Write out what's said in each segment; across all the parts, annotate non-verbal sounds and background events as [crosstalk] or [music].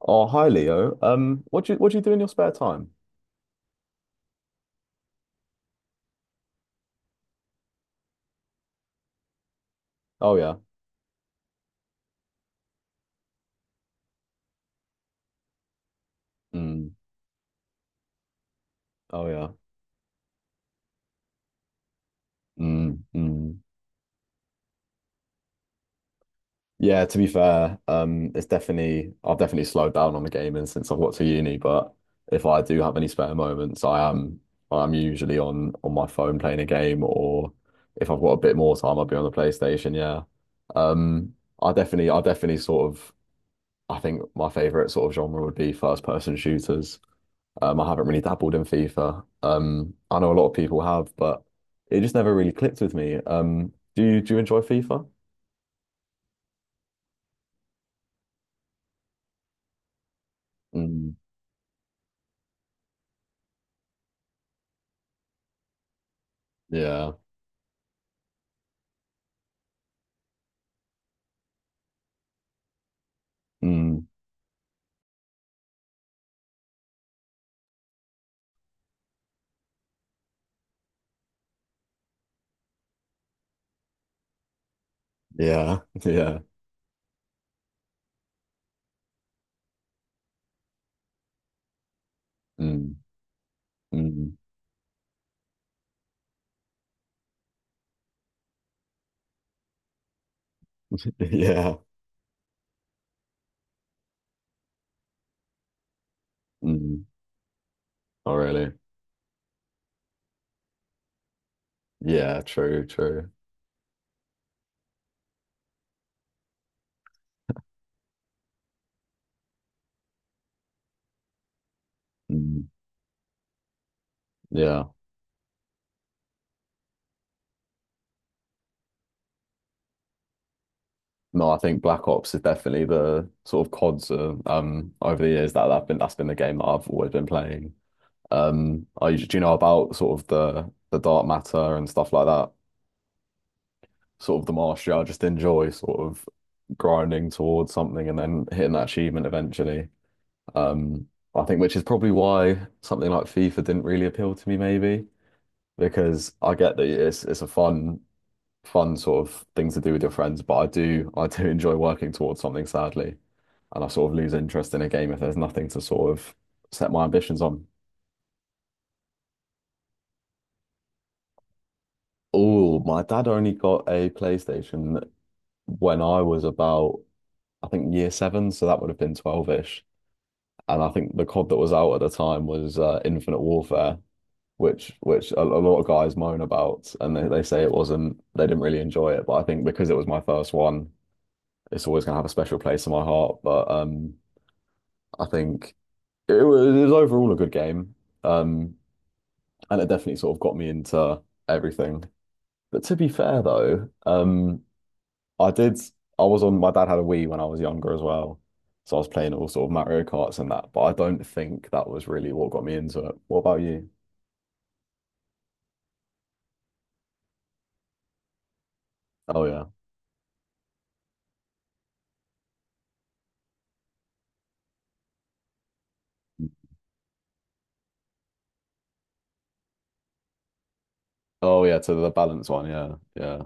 Oh, hi Leo. What do you do in your spare time? Oh yeah. Mm. Oh yeah. Mm. Mm. Yeah, to be fair, it's definitely I've definitely slowed down on the gaming since I've got to uni, but if I do have any spare moments, I'm usually on my phone playing a game, or if I've got a bit more time, I'll be on the PlayStation, yeah. Um, I definitely I definitely sort of I think my favorite sort of genre would be first person shooters. I haven't really dabbled in FIFA. I know a lot of people have, but it just never really clicked with me. Do you enjoy FIFA? Mm, yeah. Mm, yeah. [laughs] Yeah. Mm, mm, [laughs] yeah. Mm. Oh, really? Yeah. True. True. Mm, yeah. No, I think Black Ops is definitely the sort of CODs over the years that I've been that's been the game that I've always been playing. I do you know about sort of the dark matter and stuff like that? Sort of the martial I just enjoy sort of grinding towards something and then hitting that achievement eventually. Um, I think, which is probably why something like FIFA didn't really appeal to me, maybe because I get that it's a fun sort of thing to do with your friends, but I do [laughs] I do enjoy working towards something, sadly, and I sort of lose interest in a game if there's nothing to sort of set my ambitions on. Oh, my dad only got a PlayStation when I was about, I think, year seven, so that would have been 12-ish. And I think the COD that was out at the time was Infinite Warfare, which a lot of guys moan about, and they say it wasn't they didn't really enjoy it. But I think because it was my first one, it's always gonna have a special place in my heart. But I think it was overall a good game, um, and it definitely sort of got me into everything. But to be fair though, I did. I was on. My dad had a Wii when I was younger as well, so I was playing all sort of Mario Karts and that. But I don't think that was really what got me into it. What about you? Oh yeah. Oh yeah. To the balance one. Yeah. Yeah.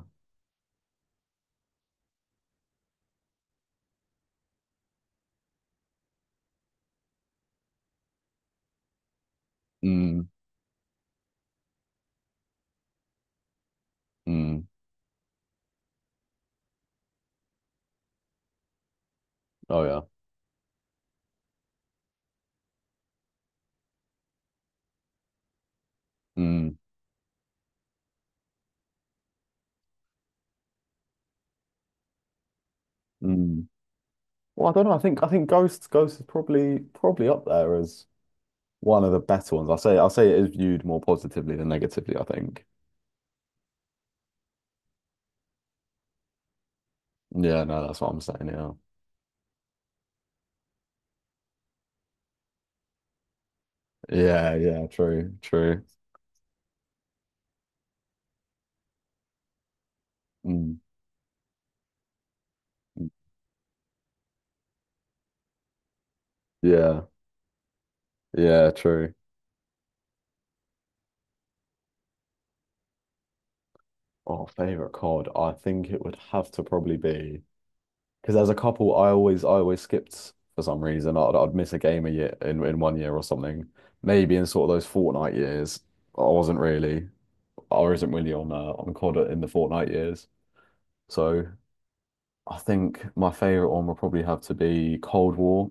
Mm. Mm. Oh yeah. Mm. Mm. Well, I don't know. I think Ghost is probably up there as one of the better ones. I say it is viewed more positively than negatively, I think. Yeah. No, that's what I'm saying. Yeah. Yeah. Yeah. True. True. Mm. Yeah. Yeah. True. Oh, favorite COD. I think it would have to probably be, because there's a couple I always skipped for some reason. I'd miss a game a year in one year or something. Maybe in sort of those Fortnite years, I wasn't really I wasn't really on COD in the Fortnite years. So I think my favorite one would probably have to be Cold War,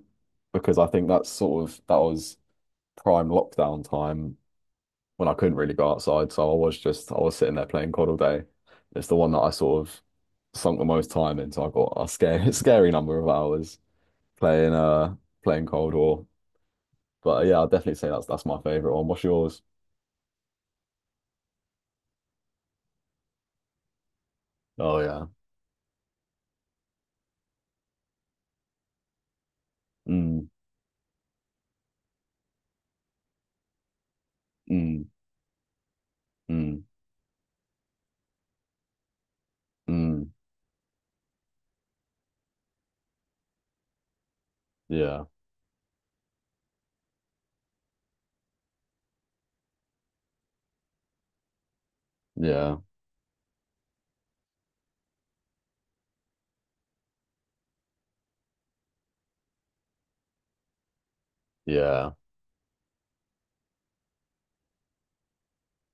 because I think that's sort of that was prime lockdown time when I couldn't really go outside. So I was sitting there playing COD all day. It's the one that I sort of sunk the most time into. I got a scary [laughs] scary number of hours playing playing Cold War. But yeah, I'd definitely say that's my favorite one. What's yours? Oh yeah. Mm, mm, mm, mm. Yeah. Yeah. Yeah.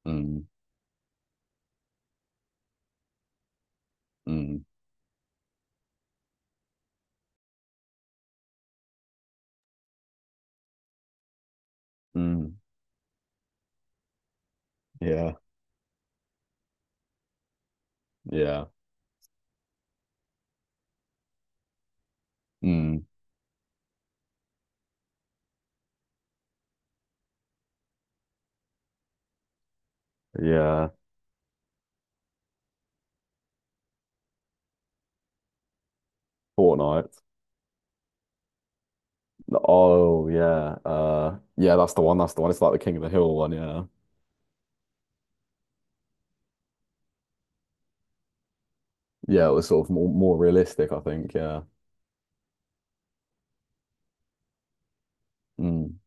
Mm, mm, mm. Yeah. Yeah. Mm. Yeah. Fortnite. Oh yeah. Yeah, that's the one. That's the one. It's like the King of the Hill one, yeah. Yeah, it was sort of more realistic, I think. Yeah. Mm.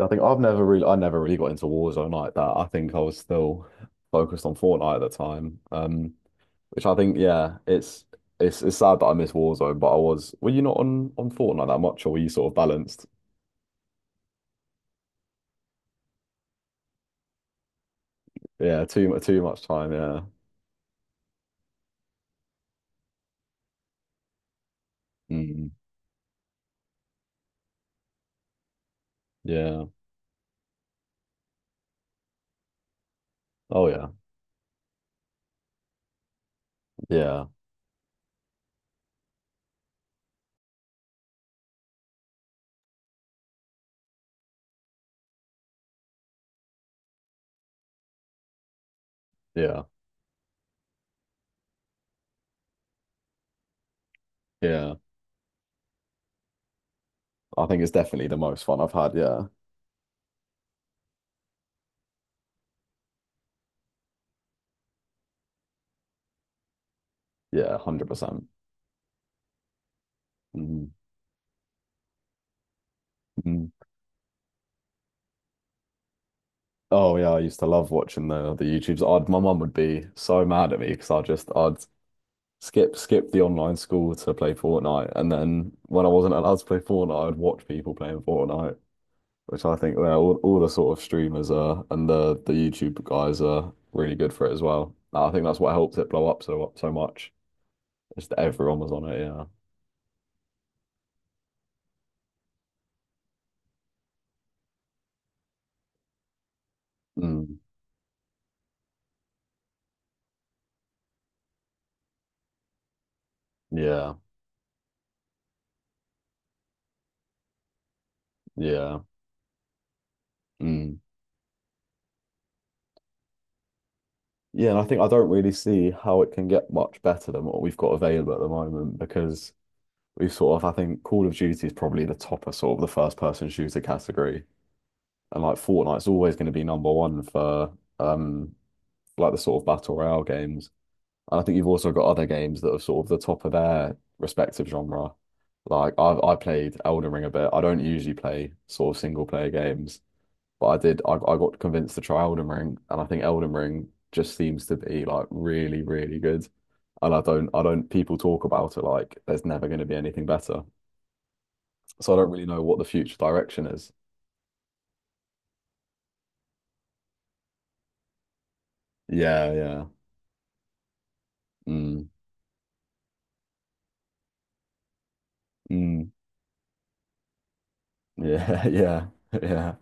I think I never really got into Warzone like that. I think I was still focused on Fortnite at the time. Which I think, yeah, it's it's sad that I miss Warzone, but I was, were you not on Fortnite that much or were you sort of balanced? Yeah, too much time, yeah. Mm. Yeah. Oh yeah. Yeah. Yeah. Yeah. I think it's definitely the most fun I've had, yeah. Yeah, 100%. Mm. Mm. Oh yeah, I used to love watching the YouTubes. My mum would be so mad at me because I just I'd skip the online school to play Fortnite, and then when I wasn't allowed to play Fortnite, I'd watch people playing Fortnite, which I think, well, all the sort of streamers are, and the YouTube guys are really good for it as well. Nah, I think that's what helped it blow up so much. Is that everyone was on it? Yeah. Mm. Yeah. Yeah. Mm. Yeah, and I think I don't really see how it can get much better than what we've got available at the moment, because we sort of, I think Call of Duty is probably the top of sort of the first person shooter category. And like Fortnite's always going to be number one for um like the sort of battle royale games. And I think you've also got other games that are sort of the top of their respective genre. Like I played Elden Ring a bit. I don't usually play sort of single player games, but I got convinced to try Elden Ring, and I think Elden Ring just seems to be like really, really good. And I don't, people talk about it like there's never going to be anything better, so I don't really know what the future direction is. Yeah, yeah. Mm, mm, yeah, [laughs] yeah, yeah.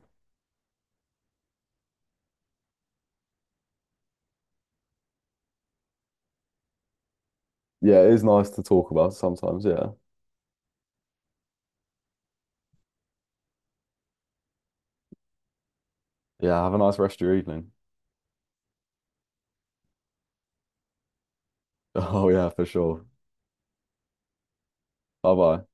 Yeah, it is nice to talk about sometimes, yeah. Yeah, have a nice rest of your evening. [laughs] Oh yeah, for sure. Bye bye.